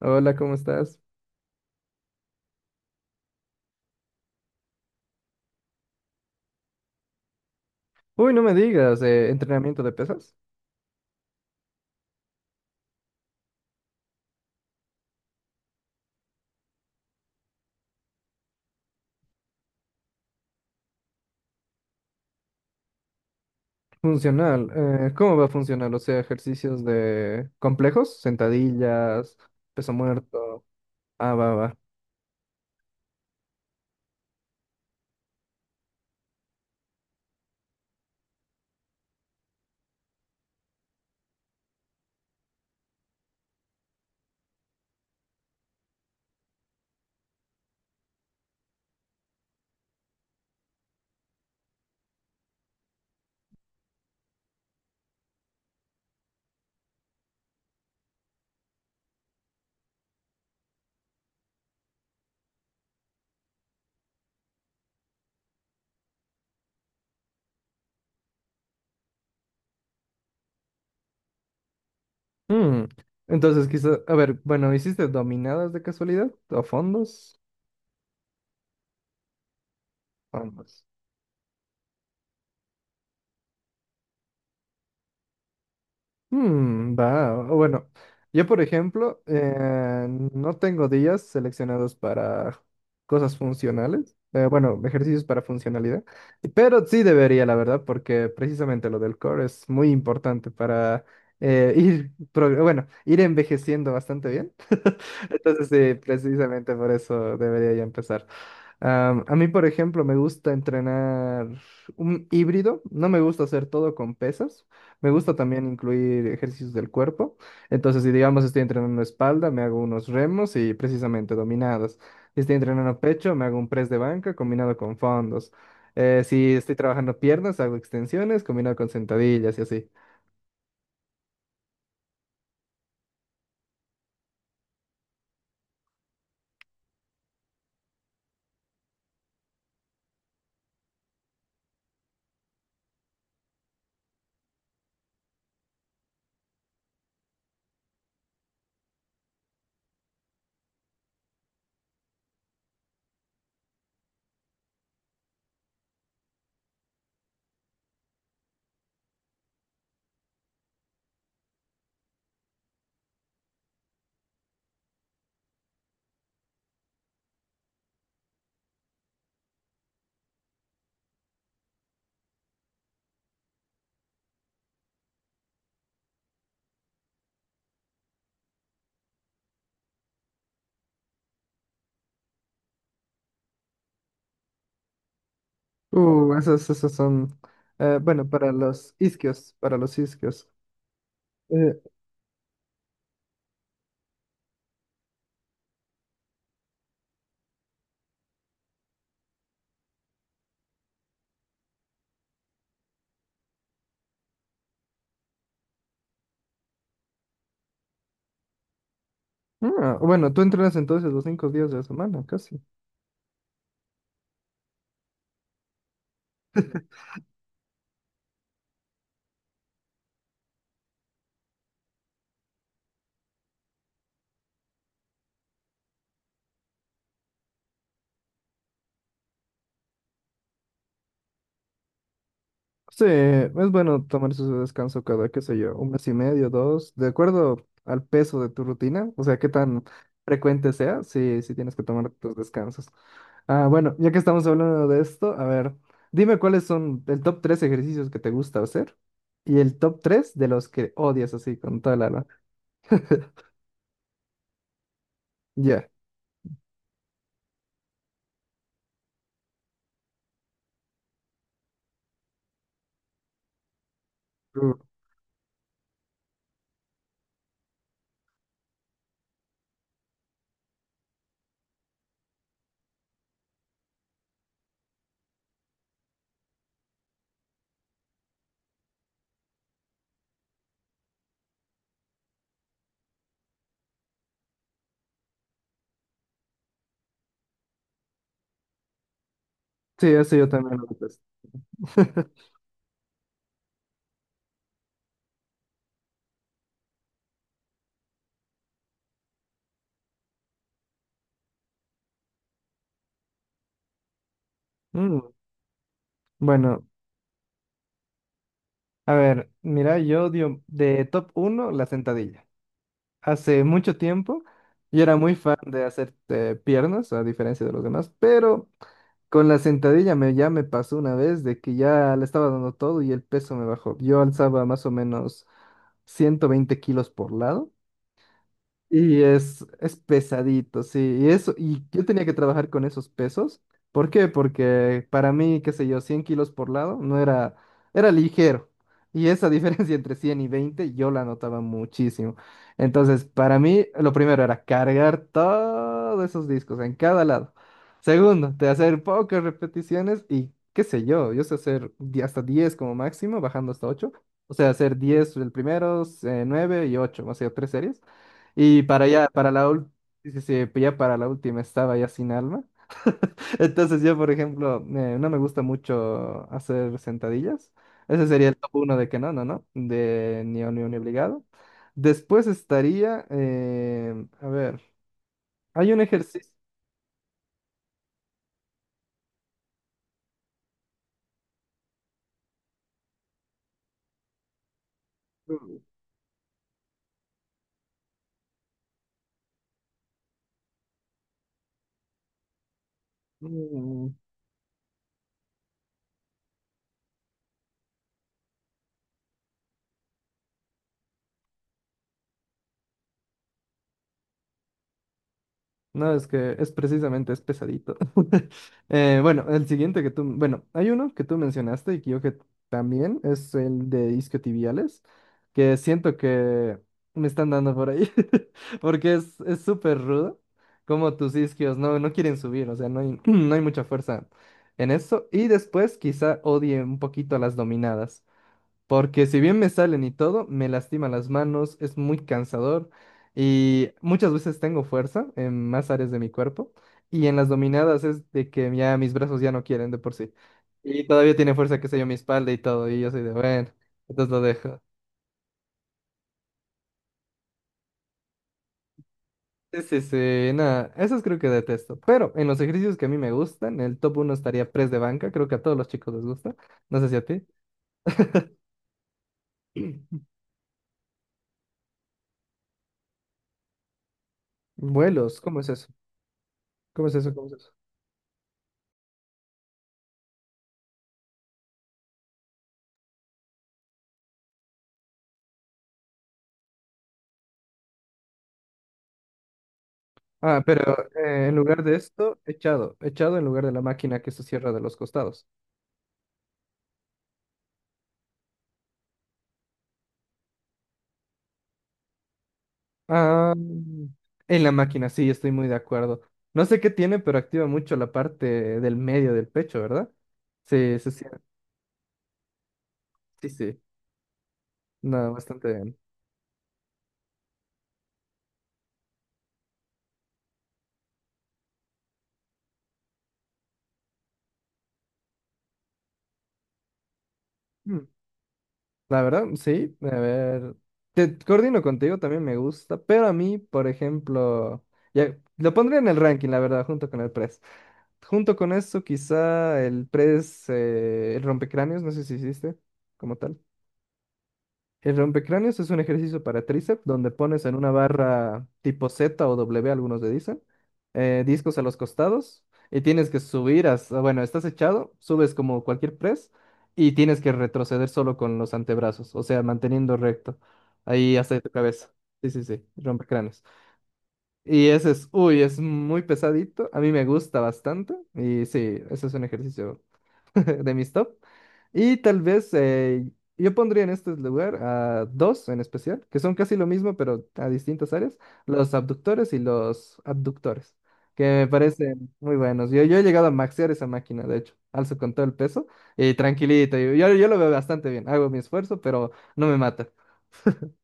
Hola, ¿cómo estás? Uy, no me digas, entrenamiento de pesas. Funcional. ¿Cómo va a funcionar? O sea, ejercicios de complejos, sentadillas, peso muerto. Ah, va, va. Mm. Entonces, quizás, a ver, bueno, ¿hiciste dominadas de casualidad? ¿O fondos? Fondos. Mm, va, bueno, yo por ejemplo, no tengo días seleccionados para cosas funcionales, bueno, ejercicios para funcionalidad, pero sí debería, la verdad, porque precisamente lo del core es muy importante para ir envejeciendo bastante bien. Entonces sí, precisamente por eso debería ya empezar. A mí, por ejemplo, me gusta entrenar un híbrido. No me gusta hacer todo con pesas. Me gusta también incluir ejercicios del cuerpo. Entonces, si digamos estoy entrenando espalda, me hago unos remos y precisamente dominadas. Si estoy entrenando pecho, me hago un press de banca combinado con fondos. Si estoy trabajando piernas, hago extensiones combinado con sentadillas y así. Esos son, bueno, para los isquios, para los isquios. Eh, bueno, tú entrenas entonces los 5 días de la semana, casi. Sí, es bueno tomar su descanso cada, qué sé yo, un mes y medio, dos, de acuerdo al peso de tu rutina, o sea, qué tan frecuente sea, sí, sí tienes que tomar tus descansos. Ah, bueno, ya que estamos hablando de esto, a ver, dime cuáles son el top tres ejercicios que te gusta hacer y el top tres de los que odias así con toda la alma. Ya. Uh, Sí, eso yo también lo detesto. Mm, Bueno, a ver, mira, yo odio de top uno la sentadilla. Hace mucho tiempo y era muy fan de hacer piernas, a diferencia de los demás, pero con la sentadilla ya me pasó una vez de que ya le estaba dando todo y el peso me bajó. Yo alzaba más o menos 120 kilos por lado. Y es pesadito, sí. Y eso, y yo tenía que trabajar con esos pesos. ¿Por qué? Porque para mí, qué sé yo, 100 kilos por lado no era, era ligero. Y esa diferencia entre 100 y 20 yo la notaba muchísimo. Entonces, para mí, lo primero era cargar todos esos discos en cada lado. Segundo, de hacer pocas repeticiones y qué sé yo, yo sé hacer hasta 10 como máximo, bajando hasta ocho. O sea, hacer 10 el primero, 9 y ocho, o sea, tres series. Y para ya, para la última, ya para la última estaba ya sin alma. Entonces yo, por ejemplo, no me gusta mucho hacer sentadillas. Ese sería el top uno de que no, no, no, de ni obligado. Después estaría, a ver, hay un ejercicio. mm, No, es que es precisamente, es pesadito. Bueno, el siguiente que tú, bueno, hay uno que tú mencionaste y que yo que también es el de isquiotibiales, que siento que me están dando por ahí, porque es súper rudo, como tus isquios no, no quieren subir, o sea, no hay, no hay mucha fuerza en eso. Y después quizá odie un poquito a las dominadas. Porque si bien me salen y todo, me lastima las manos, es muy cansador y muchas veces tengo fuerza en más áreas de mi cuerpo y en las dominadas es de que ya mis brazos ya no quieren de por sí. Y todavía tiene fuerza, qué sé yo, mi espalda y todo, y yo soy de, bueno, entonces lo dejo. Sí, sí, sí, nada, esos creo que detesto. Pero en los ejercicios que a mí me gustan, el top uno estaría press de banca, creo que a todos los chicos les gusta. No sé si a ti. Vuelos, ¿cómo es eso? ¿Cómo es eso? ¿Cómo es eso? Ah, pero en lugar de esto, echado, echado en lugar de la máquina que se cierra de los costados. Ah, en la máquina, sí, estoy muy de acuerdo. No sé qué tiene, pero activa mucho la parte del medio del pecho, ¿verdad? Sí, sí, sí, sí, sí. No, bastante bien. Mm, La verdad, sí, a ver, te coordino contigo, también me gusta, pero a mí, por ejemplo, ya, lo pondría en el ranking, la verdad, junto con el press. Junto con eso quizá el press, el rompecráneos, no sé si hiciste como tal. El rompecráneos es un ejercicio para tríceps donde pones en una barra tipo Z o W, algunos le dicen, discos a los costados y tienes que subir hasta, bueno, estás echado, subes como cualquier press y tienes que retroceder solo con los antebrazos, o sea, manteniendo recto ahí hasta tu cabeza. Sí, sí, sí, rompecráneos. Y ese es, uy, es muy pesadito, a mí me gusta bastante y sí, ese es un ejercicio de mis top. Y tal vez yo pondría en este lugar a dos en especial, que son casi lo mismo, pero a distintas áreas, los abductores y los abductores, que me parecen muy buenos. Yo he llegado a maxear esa máquina, de hecho, alzo con todo el peso y tranquilito, yo lo veo bastante bien, hago mi esfuerzo, pero no me mata.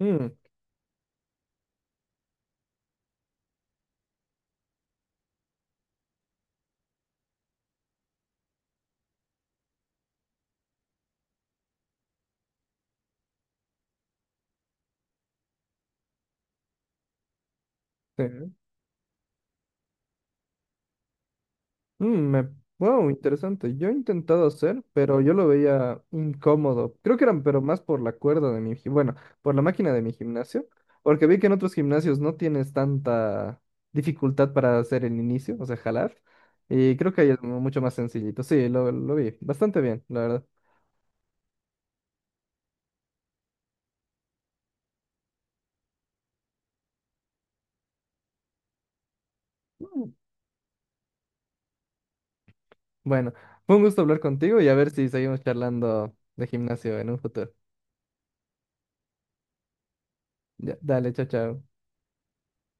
Mm, sí. Mm, me- Wow, interesante. Yo he intentado hacer, pero yo lo veía incómodo. Creo que eran, pero más por la cuerda de mi, bueno, por la máquina de mi gimnasio, porque vi que en otros gimnasios no tienes tanta dificultad para hacer el inicio, o sea, jalar. Y creo que ahí es mucho más sencillito. Sí, lo vi bastante bien, la verdad. Mm. Bueno, fue un gusto hablar contigo y a ver si seguimos charlando de gimnasio en un futuro. Ya, dale, chao, chao.